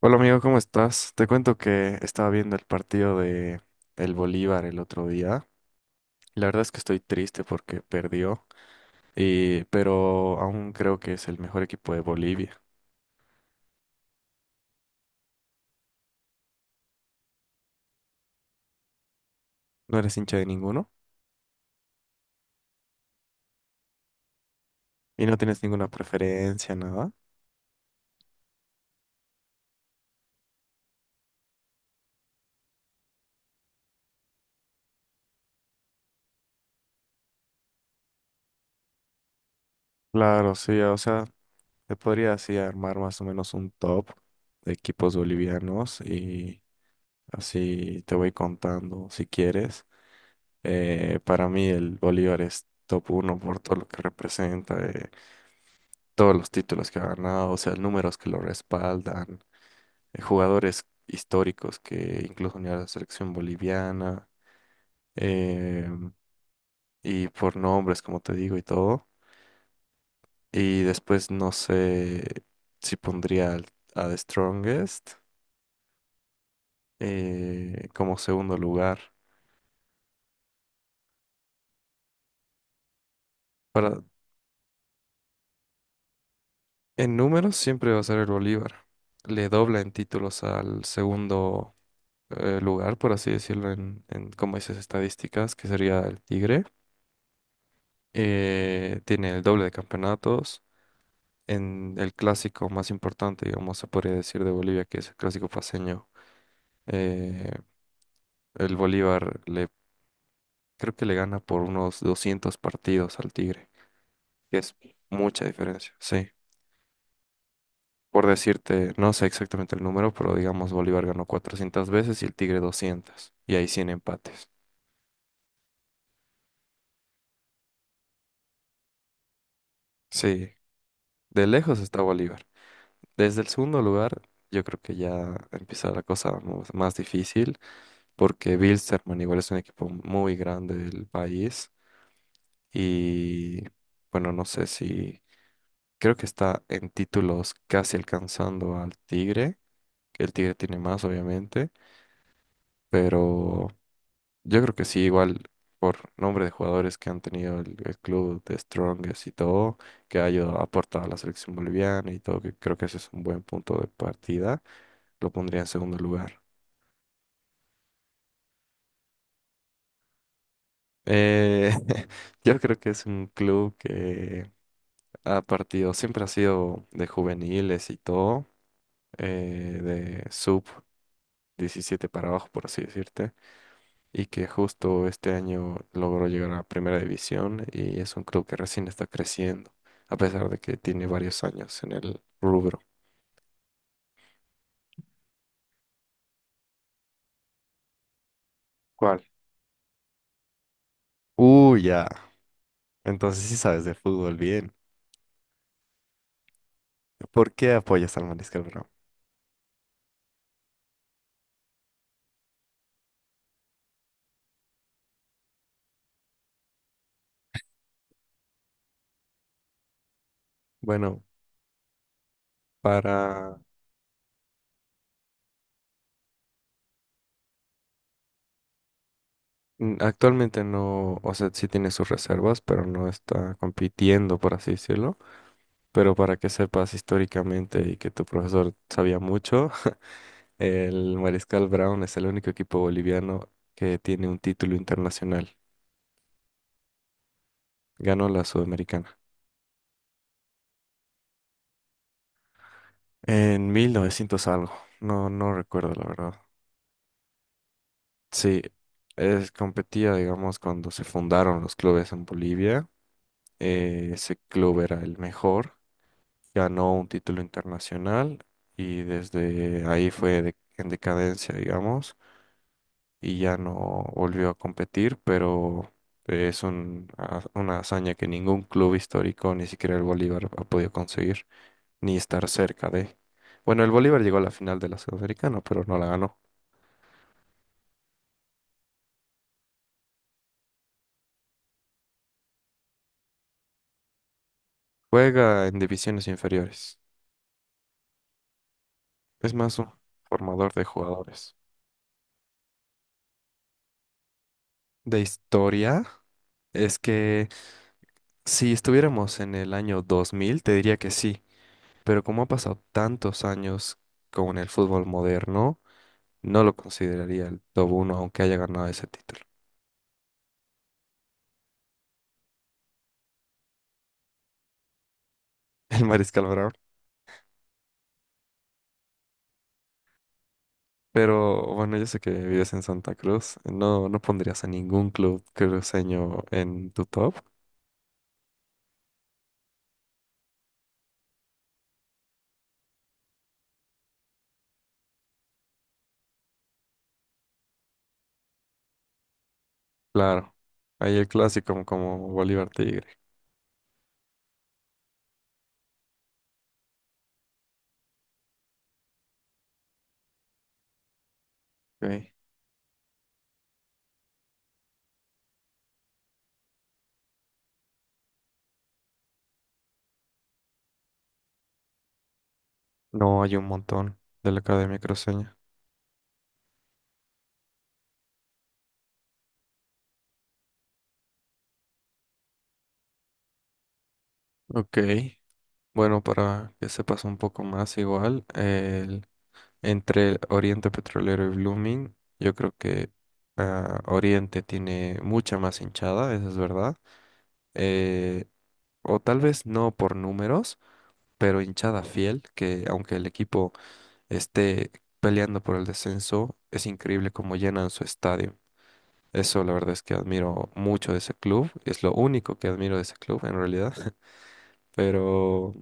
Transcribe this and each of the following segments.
Hola amigo, ¿cómo estás? Te cuento que estaba viendo el partido de el Bolívar el otro día. La verdad es que estoy triste porque perdió, pero aún creo que es el mejor equipo de Bolivia. ¿No eres hincha de ninguno? ¿Y no tienes ninguna preferencia, nada? Claro, sí, o sea, te podría así armar más o menos un top de equipos bolivianos y así te voy contando si quieres. Para mí el Bolívar es top uno por todo lo que representa. Todos los títulos que ha ganado, o sea, números que lo respaldan, jugadores históricos que incluso unió a la selección boliviana, eh, y por nombres, como te digo, y todo. Y después no sé si pondría a The Strongest como segundo lugar. Para, en números siempre va a ser el Bolívar. Le dobla en títulos al segundo lugar, por así decirlo, en como dices, estadísticas, que sería el Tigre. Tiene el doble de campeonatos. En el clásico más importante, digamos, se podría decir de Bolivia, que es el clásico paceño, eh, el Bolívar creo que le gana por unos 200 partidos al Tigre, que es mucha diferencia, sí. Por decirte, no sé exactamente el número, pero digamos, Bolívar ganó 400 veces y el Tigre 200, y hay 100 empates. Sí, de lejos está Bolívar. Desde el segundo lugar, yo creo que ya empieza la cosa más difícil. Porque Bilsterman igual es un equipo muy grande del país y bueno, no sé si creo que está en títulos casi alcanzando al Tigre, que el Tigre tiene más obviamente, pero yo creo que sí, igual por nombre de jugadores que han tenido el club de Strongest y todo, que ha ayudado, ha aportado a la selección boliviana y todo, que creo que ese es un buen punto de partida, lo pondría en segundo lugar. Eh, yo creo que es un club que a partidos, siempre ha sido de juveniles y todo, eh, de sub 17 para abajo, por así decirte, y que justo este año logró llegar a primera división y es un club que recién está creciendo, a pesar de que tiene varios años en el rubro. ¿Cuál? Uy, ya. Entonces sí sabes de fútbol bien. ¿Por qué apoyas al Mariscal Brown? Bueno, para... actualmente no, o sea, sí tiene sus reservas, pero no está compitiendo, por así decirlo. Pero para que sepas históricamente y que tu profesor sabía mucho, el Mariscal Brown es el único equipo boliviano que tiene un título internacional. Ganó la Sudamericana. En 1900 algo. No, no recuerdo la verdad. Sí, competía, digamos, cuando se fundaron los clubes en Bolivia. Ese club era el mejor. Ganó un título internacional y desde ahí fue en decadencia, digamos y ya no volvió a competir, pero es una hazaña que ningún club histórico, ni siquiera el Bolívar, ha podido conseguir, ni estar cerca de. Bueno, el Bolívar llegó a la final de la Sudamericana, pero no la ganó. Juega en divisiones inferiores. Es más un formador de jugadores. De historia, es que si estuviéramos en el año 2000, te diría que sí, pero como ha pasado tantos años con el fútbol moderno, no lo consideraría el top uno aunque haya ganado ese título, el Mariscal Brown. Pero bueno, yo sé que vives en Santa Cruz. No, no pondrías a ningún club cruceño en tu top. Claro, hay el clásico como Bolívar Tigre. Ok. No hay un montón de la Academia Cruceña. Ok, bueno, para que sepas un poco más igual, entre Oriente Petrolero y Blooming, yo creo que Oriente tiene mucha más hinchada, eso es verdad. eh, o tal vez no por números, pero hinchada fiel, que aunque el equipo esté peleando por el descenso, es increíble cómo llenan su estadio. Eso la verdad es que admiro mucho de ese club, es lo único que admiro de ese club en realidad, pero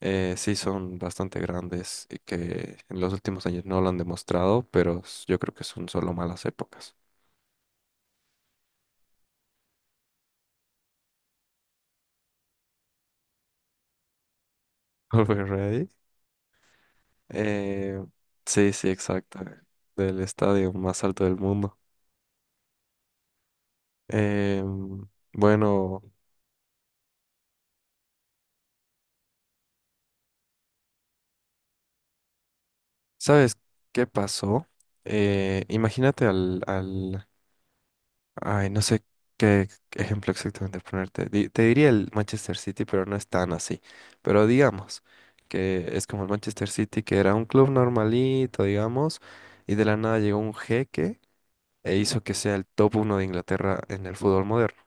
sí son bastante grandes y que en los últimos años no lo han demostrado, pero yo creo que son solo malas épocas. Are we ready? Eh, sí, sí, exacto, del estadio más alto del mundo. Em, bueno, ¿sabes qué pasó? Imagínate ay, no sé qué ejemplo exactamente ponerte. Te diría el Manchester City, pero no es tan así. Pero digamos que es como el Manchester City, que era un club normalito, digamos, y de la nada llegó un jeque e hizo que sea el top uno de Inglaterra en el fútbol moderno.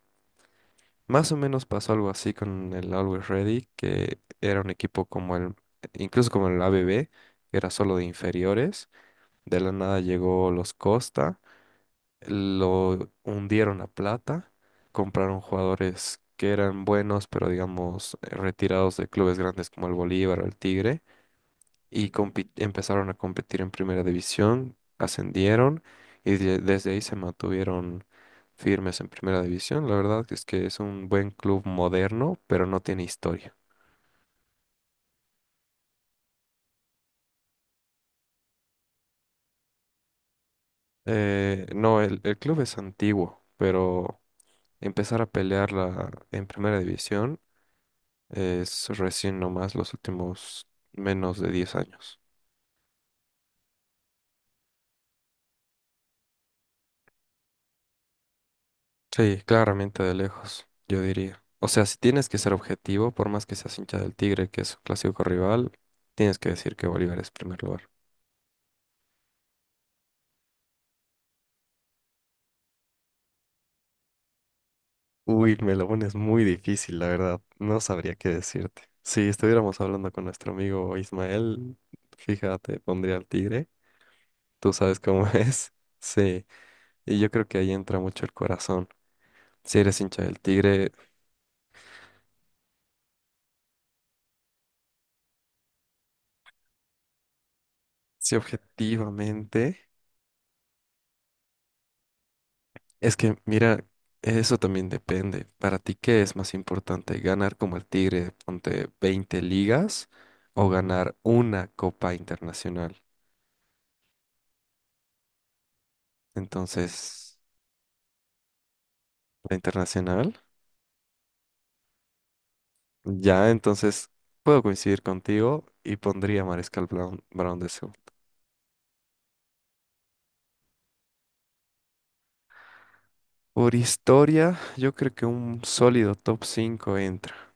Más o menos pasó algo así con el Always Ready, que era un equipo como incluso como el ABB, que era solo de inferiores. De la nada llegó los Costa, lo hundieron a plata, compraron jugadores que eran buenos, pero digamos retirados de clubes grandes como el Bolívar o el Tigre y empezaron a competir en primera división, ascendieron y desde ahí se mantuvieron firmes en primera división. La verdad que es un buen club moderno, pero no tiene historia. No, el club es antiguo, pero empezar a pelearla en primera división es recién nomás los últimos menos de 10 años. Sí, claramente de lejos, yo diría. O sea, si tienes que ser objetivo, por más que seas hincha del Tigre, que es su clásico rival, tienes que decir que Bolívar es primer lugar. Uy, me lo pones muy difícil, la verdad. No sabría qué decirte. Si estuviéramos hablando con nuestro amigo Ismael, fíjate, pondría al Tigre. Tú sabes cómo es. Sí, y yo creo que ahí entra mucho el corazón. Si eres hincha del Tigre, si objetivamente. Es que, mira, eso también depende. Para ti, ¿qué es más importante? ¿Ganar como el Tigre, ponte 20 ligas o ganar una copa internacional? Entonces, la internacional, ya, entonces puedo coincidir contigo y pondría a Mariscal Brown, de segundo. Por historia, yo creo que un sólido top 5 entra.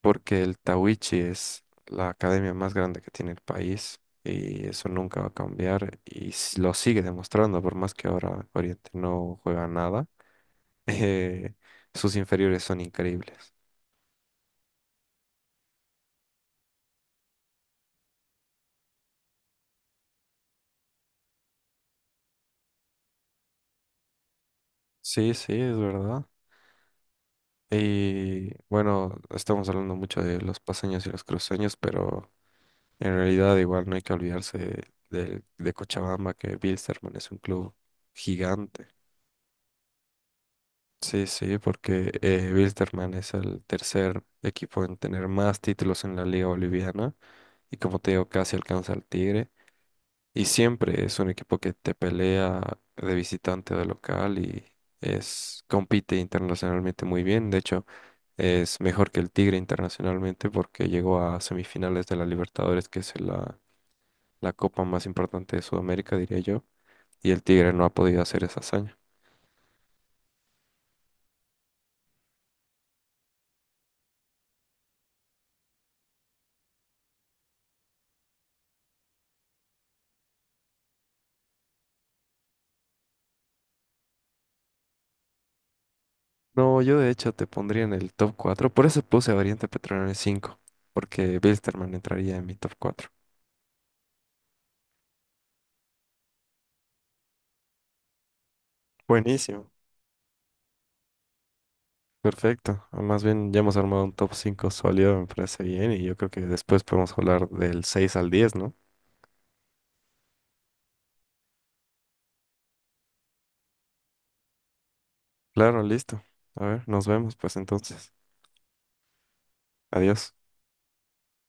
Porque el Tawichi es la academia más grande que tiene el país y eso nunca va a cambiar y lo sigue demostrando, por más que ahora Oriente no juega nada, eh, sus inferiores son increíbles. Sí, sí, es verdad. Y bueno, estamos hablando mucho de los paseños y los cruceños, pero en realidad igual no hay que olvidarse de Cochabamba, que Bilsterman es un club gigante. Sí, sí, porque Wilstermann es el tercer equipo en tener más títulos en la Liga Boliviana y como te digo, casi alcanza al Tigre. Y siempre es un equipo que te pelea de visitante o de local y compite internacionalmente muy bien. De hecho, es mejor que el Tigre internacionalmente porque llegó a semifinales de la Libertadores, que es la copa más importante de Sudamérica, diría yo, y el Tigre no ha podido hacer esa hazaña. No, yo de hecho te pondría en el top 4. Por eso puse a Oriente Petrolero en 5, porque Bilsterman entraría en mi top cuatro. Buenísimo. Perfecto. Ah, más bien ya hemos armado un top 5 sólido, me parece bien, y yo creo que después podemos hablar del 6 al 10, ¿no? Claro, listo. A ver, nos vemos pues entonces. Adiós.